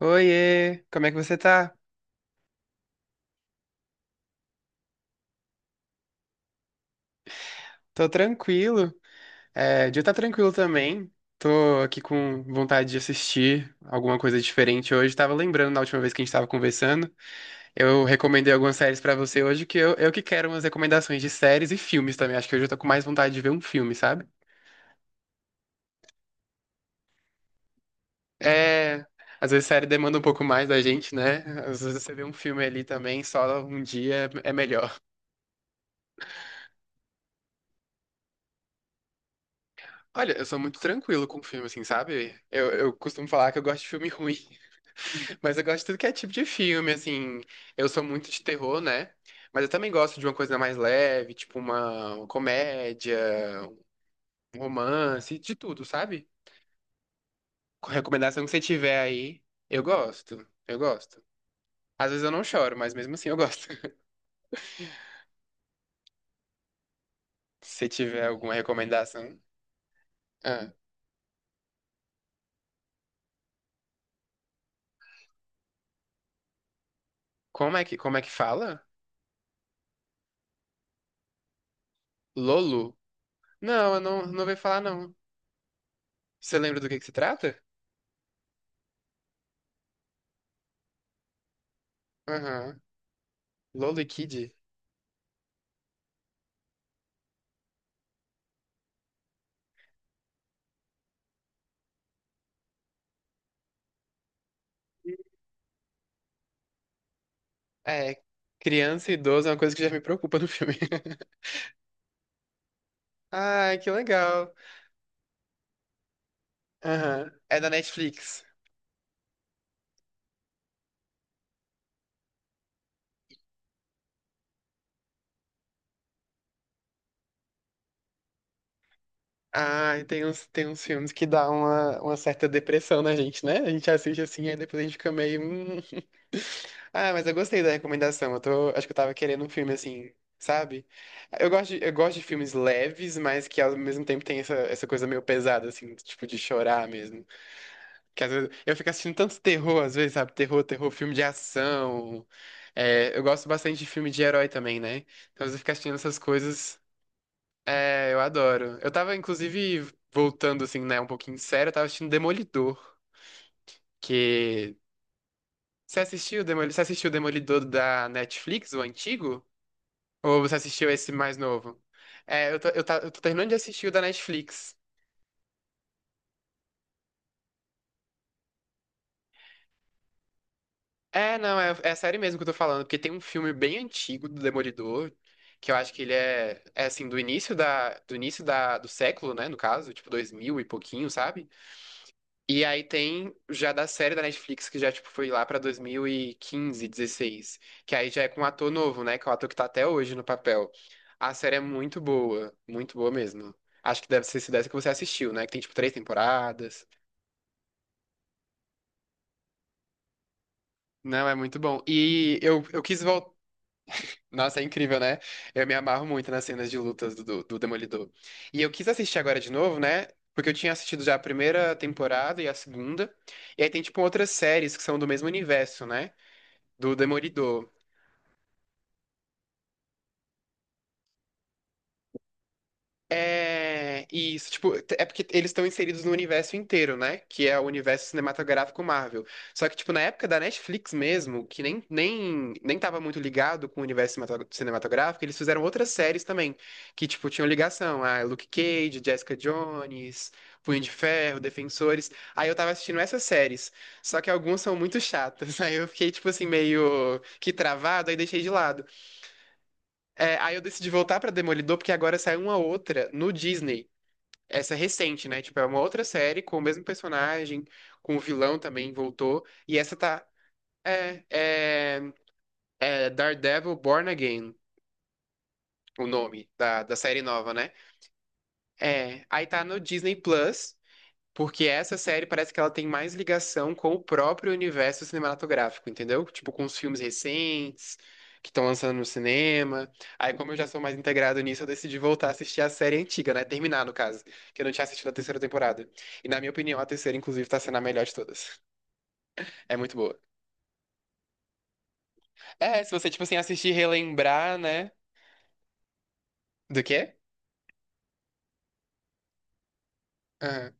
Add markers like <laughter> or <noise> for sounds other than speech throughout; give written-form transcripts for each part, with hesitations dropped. Oiê, como é que você tá? Tô tranquilo. É, o dia tá tranquilo também. Tô aqui com vontade de assistir alguma coisa diferente hoje. Tava lembrando na última vez que a gente tava conversando. Eu recomendei algumas séries pra você hoje, que eu que quero umas recomendações de séries e filmes também. Acho que hoje eu tô com mais vontade de ver um filme, sabe? É, às vezes série demanda um pouco mais da gente, né? Às vezes você vê um filme ali também, só um dia é melhor. <laughs> Olha, eu sou muito tranquilo com filme, assim, sabe? Eu costumo falar que eu gosto de filme <laughs> ruim. Mas eu gosto de tudo que é tipo de filme, assim. Eu sou muito de terror, né? Mas eu também gosto de uma coisa mais leve, tipo uma comédia, um romance, de tudo, sabe? Com recomendação que você tiver aí, eu gosto. Eu gosto. Às vezes eu não choro, mas mesmo assim eu gosto. <laughs> Se tiver alguma recomendação. Ah, como é que fala? Lolo? Não, eu não ouvi falar, não. Você lembra do que se trata? Aham. Lolo e Kid? É, criança e idoso é uma coisa que já me preocupa no filme. <laughs> Ai, que legal. Aham. É da Netflix. Ai, tem uns filmes que dá uma certa depressão na gente, né? A gente assiste assim, e depois a gente fica meio "hum, hum". Ah, mas eu gostei da recomendação. Eu tô, acho que eu tava querendo um filme assim, sabe? Eu gosto de filmes leves, mas que ao mesmo tempo tem essa coisa meio pesada, assim, tipo de chorar mesmo. Que às vezes eu fico assistindo tanto terror, às vezes, sabe? Terror, terror, filme de ação. É, eu gosto bastante de filme de herói também, né? Então, às vezes eu fico assistindo essas coisas. É, eu adoro. Eu tava, inclusive, voltando, assim, né, um pouquinho sério, eu tava assistindo Demolidor, que... Você assistiu o Demolidor da Netflix, o antigo? Ou você assistiu esse mais novo? Eu tô terminando de assistir o da Netflix. É, não, é a série mesmo que eu tô falando, porque tem um filme bem antigo do Demolidor, que eu acho que ele é assim, do início da, do século, né, no caso, tipo 2000 e pouquinho, sabe? E aí tem já da série da Netflix, que já, tipo, foi lá pra 2015, 16. Que aí já é com um ator novo, né? Que é o ator que tá até hoje no papel. A série é muito boa mesmo. Acho que deve ser se dessa que você assistiu, né? Que tem, tipo, três temporadas. Não, é muito bom. E eu quis voltar. Nossa, é incrível, né? Eu me amarro muito nas cenas de lutas do Demolidor. E eu quis assistir agora de novo, né? Porque eu tinha assistido já a primeira temporada e a segunda. E aí tem, tipo, outras séries que são do mesmo universo, né? Do Demolidor. É isso, tipo, é porque eles estão inseridos no universo inteiro, né? Que é o universo cinematográfico Marvel. Só que, tipo, na época da Netflix mesmo, que nem tava muito ligado com o universo cinematográfico, eles fizeram outras séries também, que, tipo, tinham ligação. Ah, Luke Cage, Jessica Jones, Punho de Ferro, Defensores. Aí eu tava assistindo essas séries, só que algumas são muito chatas. <laughs> Aí eu fiquei, tipo assim, meio que travado, aí deixei de lado. É, aí eu decidi voltar pra Demolidor, porque agora saiu uma outra no Disney. Essa é recente, né? Tipo, é uma outra série com o mesmo personagem, com o vilão também voltou. E essa tá. É, é, é Daredevil Born Again, o nome da série nova, né? É, aí tá no Disney Plus. Porque essa série parece que ela tem mais ligação com o próprio universo cinematográfico, entendeu? Tipo, com os filmes recentes que estão lançando no cinema. Aí, como eu já sou mais integrado nisso, eu decidi voltar a assistir a série antiga, né? Terminar, no caso, que eu não tinha assistido a terceira temporada. E, na minha opinião, a terceira, inclusive, tá sendo a melhor de todas. É muito boa. É, se você, tipo assim, assistir e relembrar, né? Do quê? Ah.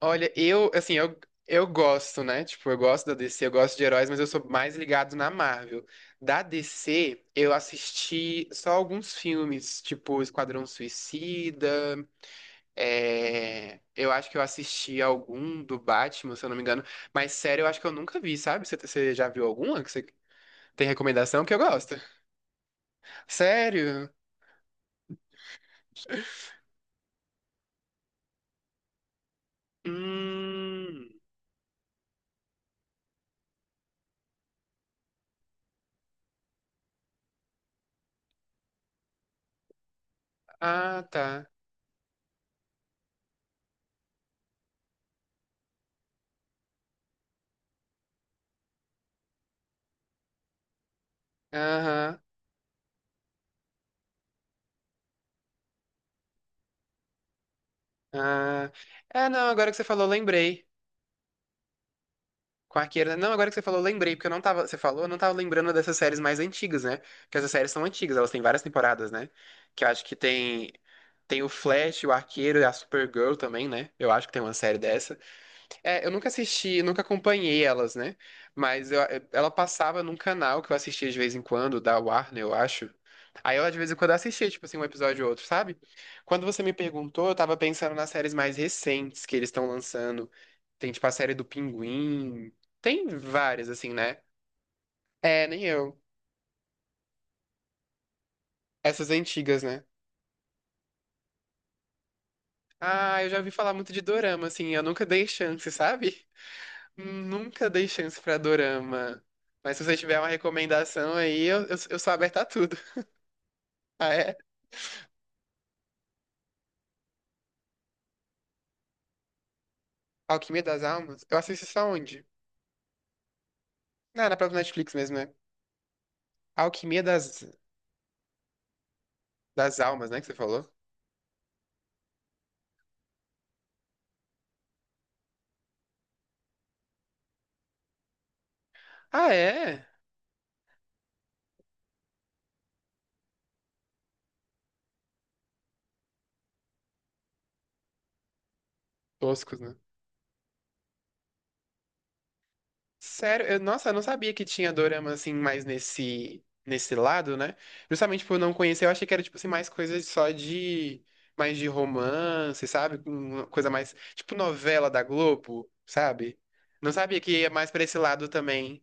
Olha, eu, assim, eu gosto, né? Tipo, eu gosto da DC, eu gosto de heróis, mas eu sou mais ligado na Marvel. Da DC, eu assisti só alguns filmes, tipo Esquadrão Suicida, eu acho que eu assisti algum do Batman, se eu não me engano, mas sério, eu acho que eu nunca vi, sabe? Você já viu alguma que você tem recomendação que eu gosto? Sério? Hum... Ah, tá. Aham. Ah, é, não, agora que você falou, lembrei. Quarqueira. Não, agora que você falou, eu lembrei, porque eu não tava. Você falou, eu não tava lembrando dessas séries mais antigas, né? Porque essas séries são antigas, elas têm várias temporadas, né? Que eu acho que tem. Tem o Flash, o Arqueiro, a Supergirl também, né? Eu acho que tem uma série dessa. É, eu nunca assisti, nunca acompanhei elas, né? Mas ela passava num canal que eu assistia de vez em quando, da Warner, eu acho. Aí eu de vez em quando assistia, tipo assim, um episódio ou outro, sabe? Quando você me perguntou, eu tava pensando nas séries mais recentes que eles estão lançando. Tem, tipo, a série do Pinguim. Tem várias, assim, né? É, nem eu. Essas antigas, né? Ah, eu já ouvi falar muito de dorama, assim. Eu nunca dei chance, sabe? Nunca dei chance pra dorama. Mas se você tiver uma recomendação aí, eu sou aberta a tudo. <laughs> Ah, é? Alquimia das Almas? Eu assisto isso aonde? Ah, na própria Netflix mesmo, né? Alquimia das Almas, né? Que você falou? Ah, é? Toscos, né? Sério, nossa, eu não sabia que tinha dorama assim mais nesse lado, né? Justamente por não conhecer, eu achei que era tipo assim mais coisa só de mais de romance, sabe? Uma coisa mais tipo novela da Globo, sabe? Não sabia que ia mais pra esse lado também.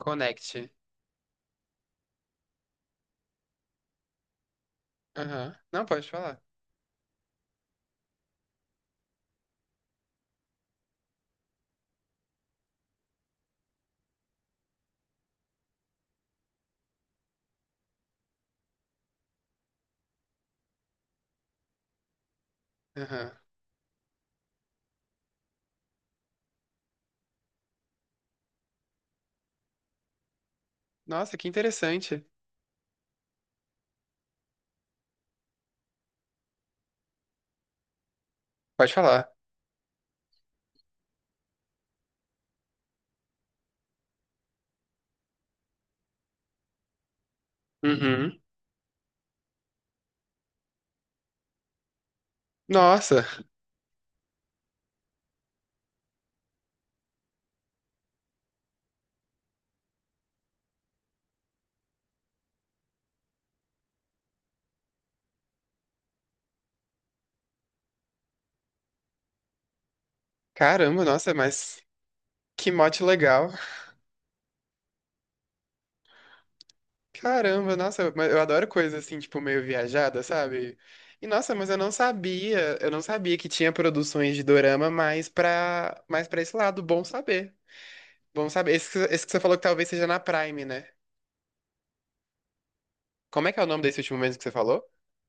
Connect. Aham. Não, pode falar. Aham. Nossa, que interessante. Pode falar. Uhum. Nossa, caramba, nossa, mas que mote legal. Caramba, nossa, mas eu adoro coisa assim, tipo, meio viajada, sabe? E nossa, mas eu não sabia que tinha produções de dorama mais pra esse lado, bom saber. Bom saber. Esse que você falou que talvez seja na Prime, né? Como é que é o nome desse último mesmo que você falou?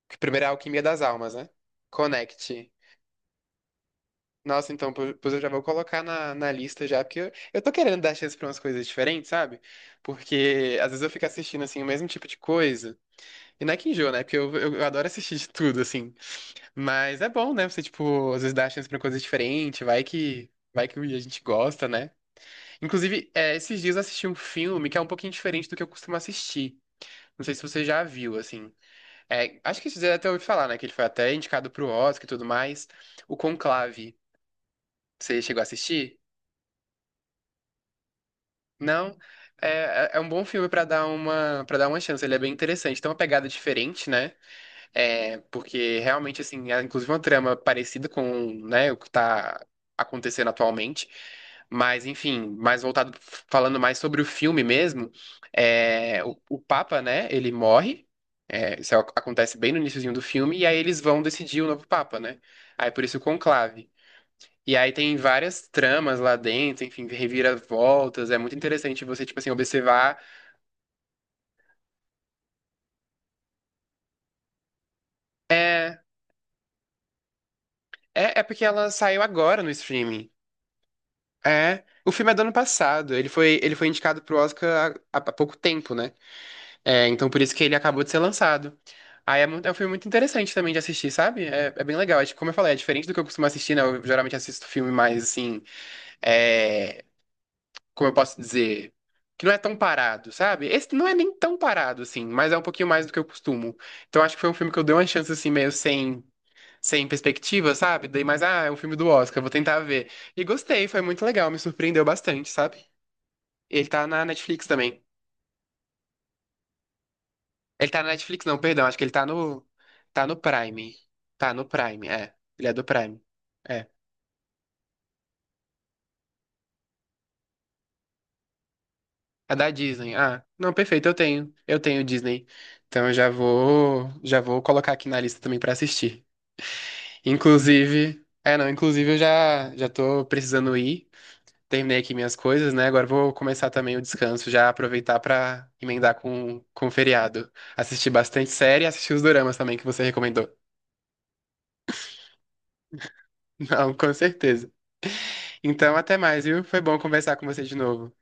Que primeiro é Alquimia das Almas, né? Connect. Nossa, então, pois eu já vou colocar na lista já, porque eu tô querendo dar chance pra umas coisas diferentes, sabe? Porque às vezes eu fico assistindo, assim, o mesmo tipo de coisa. E não é que enjoa, né? Porque eu adoro assistir de tudo, assim. Mas é bom, né? Você, tipo, às vezes dá chance pra coisas diferentes, vai que a gente gosta, né? Inclusive, é, esses dias eu assisti um filme que é um pouquinho diferente do que eu costumo assistir. Não sei se você já viu, assim. É, acho que você até ouviu falar, né? Que ele foi até indicado pro Oscar e tudo mais. O Conclave. Você chegou a assistir? Não? É um bom filme pra para dar uma chance. Ele é bem interessante. Tem uma pegada diferente, né? É, porque realmente, assim, é inclusive uma trama parecida com, né, o que tá acontecendo atualmente. Mas, enfim, mais voltado, falando mais sobre o filme mesmo, é, o Papa, né, ele morre. É, isso acontece bem no iniciozinho do filme, e aí eles vão decidir o novo Papa, né? Aí por isso o conclave. E aí tem várias tramas lá dentro, enfim, reviravoltas. É muito interessante você, tipo assim, observar. É, é porque ela saiu agora no streaming. É, o filme é do ano passado. Ele foi indicado pro Oscar há pouco tempo, né? É, então por isso que ele acabou de ser lançado. Aí é um filme muito interessante também de assistir, sabe? É bem legal. Acho que, como eu falei, é diferente do que eu costumo assistir, né? Eu geralmente assisto filme mais assim, é, como eu posso dizer, que não é tão parado, sabe? Esse não é nem tão parado, assim, mas é um pouquinho mais do que eu costumo. Então acho que foi um filme que eu dei uma chance assim, meio sem perspectiva, sabe? Dei mais, ah, é um filme do Oscar, vou tentar ver. E gostei, foi muito legal, me surpreendeu bastante, sabe? Ele tá na Netflix também. Ele tá na Netflix, não, perdão. Acho que ele tá no. Tá no Prime. Tá no Prime, é. Ele é do Prime. É. É da Disney. Ah, não, perfeito, eu tenho. Eu tenho Disney. Então eu já vou. Já vou colocar aqui na lista também pra assistir. Inclusive. É, não, inclusive eu já tô precisando ir. Terminei aqui minhas coisas, né? Agora eu vou começar também o descanso, já aproveitar pra emendar com o feriado. Assistir bastante série e assistir os doramas também que você recomendou. <laughs> Não, com certeza. Então, até mais, viu? Foi bom conversar com você de novo.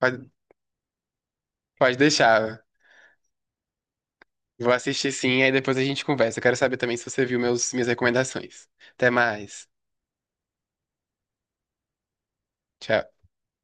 Pode, pode deixar. Vou assistir sim, aí depois a gente conversa. Eu quero saber também se você viu meus, minhas recomendações. Até mais. Tchau.